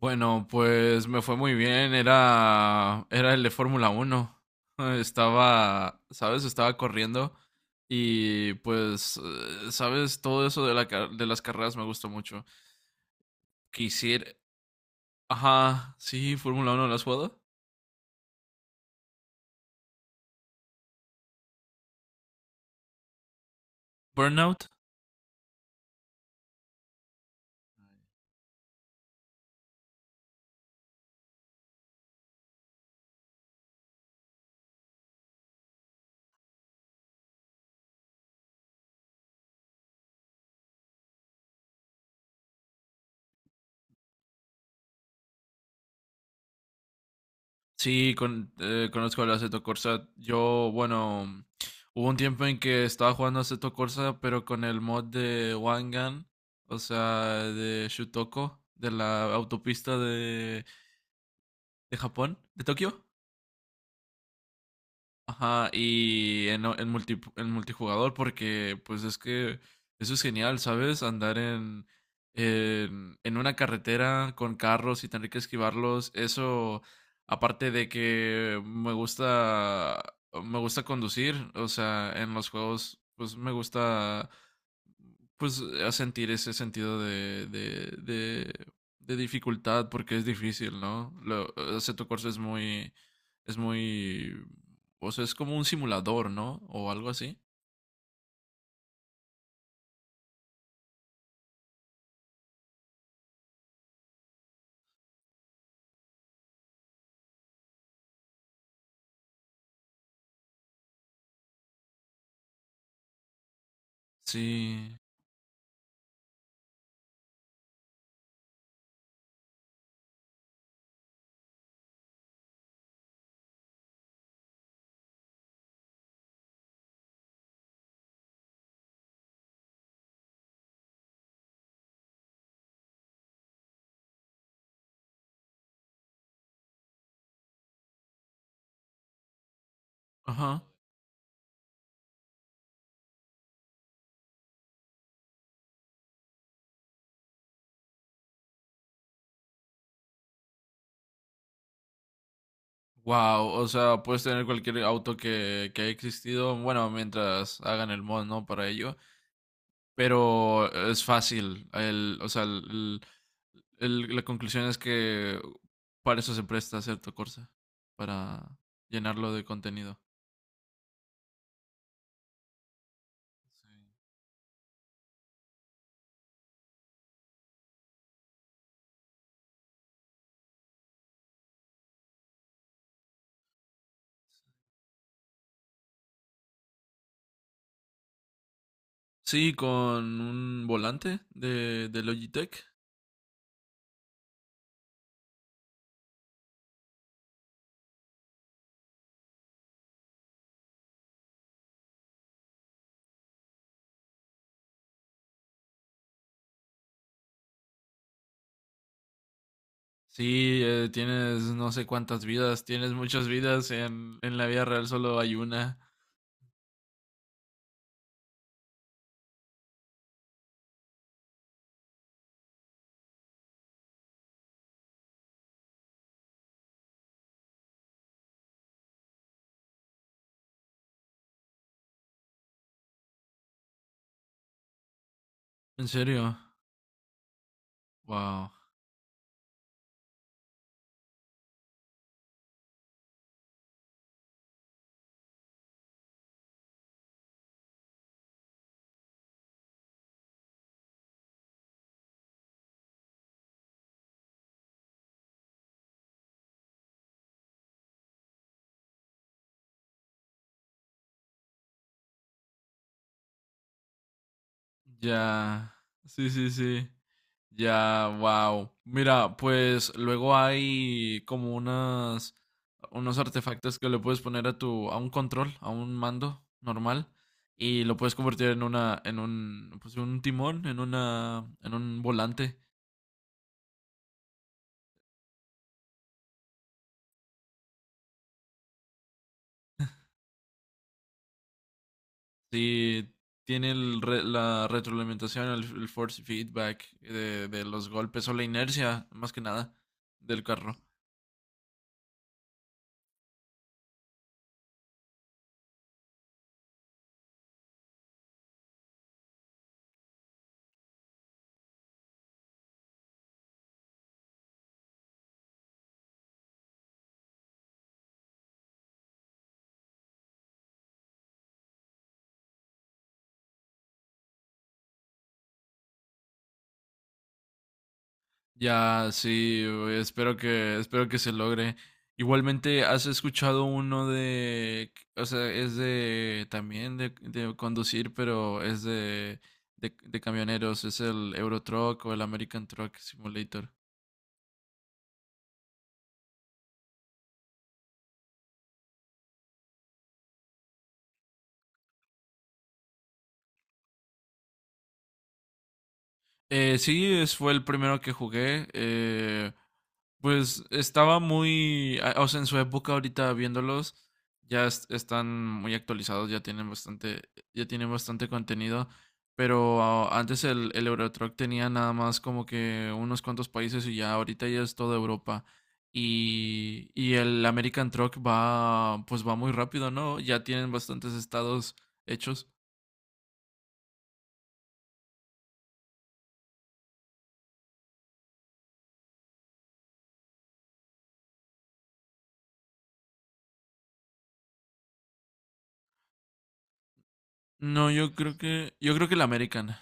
Bueno, pues me fue muy bien. Era el de Fórmula 1. Estaba, ¿sabes? Estaba corriendo y pues, ¿sabes? Todo eso de, de las carreras me gustó mucho. Quisiera... Ajá, sí, Fórmula 1, ¿la has jugado? Burnout. Sí, conozco el Assetto Corsa. Yo, bueno, hubo un tiempo en que estaba jugando Assetto Corsa, pero con el mod de Wangan, o sea, de Shutoko, de la autopista de Japón, de Tokio. Ajá, en multijugador, porque pues es que eso es genial, ¿sabes? Andar en una carretera con carros y tener que esquivarlos, eso, aparte de que me gusta conducir, o sea, en los juegos, pues me gusta, pues a sentir ese sentido de dificultad, porque es difícil, ¿no? Lo, o sea, tu curso es muy... Es muy o sea, es como un simulador, ¿no? O algo así. Sí. Ajá. Wow, o sea, puedes tener cualquier auto que haya existido, bueno, mientras hagan el mod, ¿no? Para ello, pero es fácil. El, o sea, la conclusión es que para eso se presta cierto Corsa, para llenarlo de contenido. Sí, sí, con un volante de Logitech. Sí, tienes no sé cuántas vidas, tienes muchas vidas, en la vida real solo hay una. ¿En serio? Wow. Ya. Sí, sí, sí. Ya, wow. Mira, pues luego hay como unas unos artefactos que le puedes poner a tu a un control, a un mando normal y lo puedes convertir en una en un pues un timón, en una en un volante. Sí, tiene el re- la retroalimentación, el force feedback de los golpes o la inercia, más que nada, del carro. Ya, sí, güey, espero que se logre. Igualmente, ¿has escuchado uno de, o sea, es de, también de conducir, pero es de, de camioneros, es el Euro Truck o el American Truck Simulator? Sí, es- fue el primero que jugué. Pues estaba muy, a- o sea, en su época ahorita viéndolos, ya es- están muy actualizados, ya tienen bastante contenido. Pero antes el Euro Truck tenía nada más como que unos cuantos países y ya ahorita ya es toda Europa. Y el American Truck va, pues va muy rápido, ¿no? Ya tienen bastantes estados hechos. No, yo creo que el American.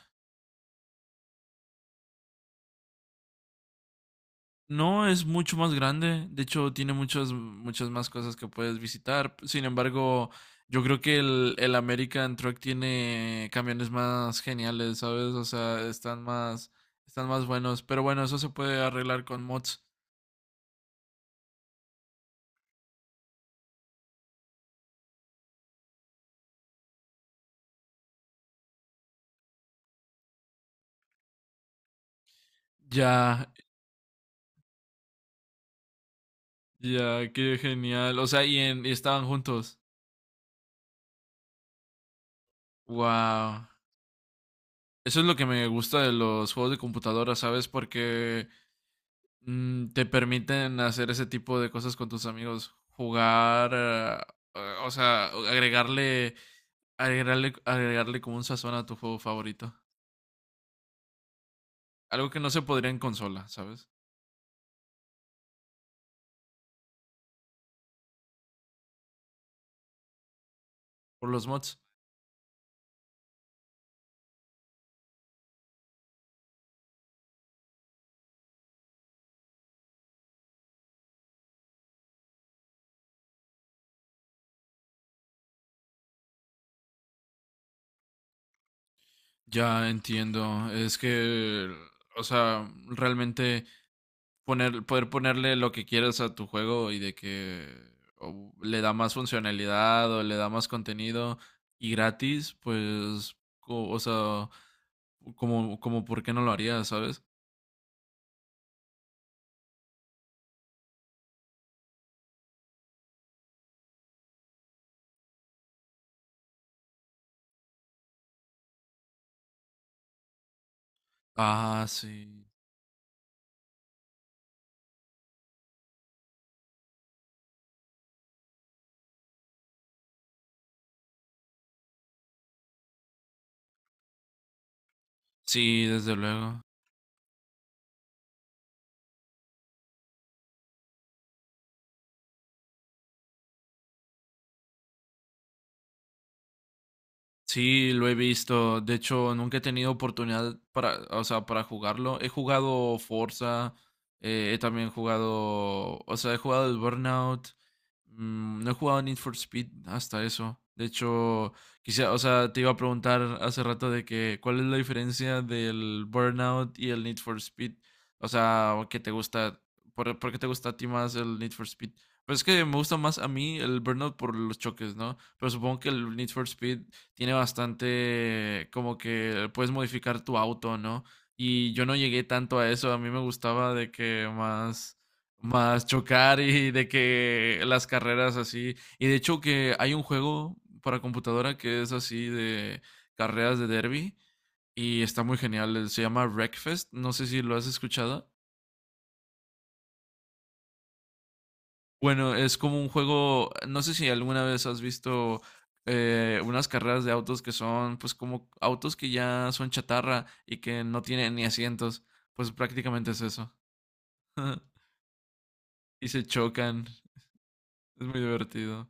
No, es mucho más grande. De hecho, tiene muchas, muchas más cosas que puedes visitar. Sin embargo, yo creo que el American Truck tiene camiones más geniales, ¿sabes? O sea, están más buenos. Pero bueno, eso se puede arreglar con mods. Ya, ya, qué genial. O sea, y estaban juntos. Wow. Eso es lo que me gusta de los juegos de computadora, ¿sabes? Porque mm, te permiten hacer ese tipo de cosas con tus amigos, jugar, o sea, agregarle, agregarle, agregarle como un sazón a tu juego favorito. Algo que no se podría en consola, ¿sabes? Por los mods. Ya entiendo, es que, o sea, realmente poner, poder ponerle lo que quieras a tu juego y de que o le da más funcionalidad o le da más contenido y gratis, pues, co- o sea, como, como, ¿por qué no lo haría, sabes? Ah, sí. Sí, desde luego. Sí, lo he visto. De hecho, nunca he tenido oportunidad para, o sea, para jugarlo. He jugado Forza, he también jugado, o sea, he jugado el Burnout. Mm, no he jugado Need for Speed hasta eso. De hecho, quizá, o sea, te iba a preguntar hace rato de que cuál es la diferencia del Burnout y el Need for Speed. O sea, ¿qué te gusta? ¿Por qué te gusta a ti más el Need for Speed? Pues es que me gusta más a mí el Burnout por los choques, ¿no? Pero supongo que el Need for Speed tiene bastante como que puedes modificar tu auto, ¿no? Y yo no llegué tanto a eso, a mí me gustaba de que más, más chocar y de que las carreras así. Y de hecho que hay un juego para computadora que es así de carreras de derby y está muy genial, se llama Wreckfest, no sé si lo has escuchado. Bueno, es como un juego, no sé si alguna vez has visto unas carreras de autos que son pues como autos que ya son chatarra y que no tienen ni asientos, pues prácticamente es eso. Y se chocan, es muy divertido.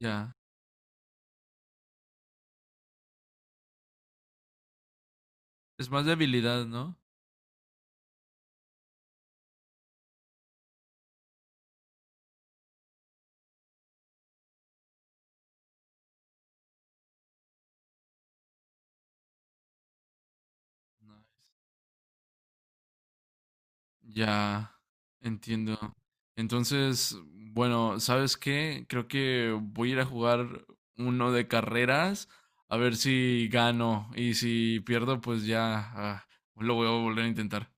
Ya, es más de habilidad, ¿no? Ya, entiendo. Entonces, bueno, ¿sabes qué? Creo que voy a ir a jugar uno de carreras, a ver si gano y si pierdo, pues ya, lo voy a volver a intentar.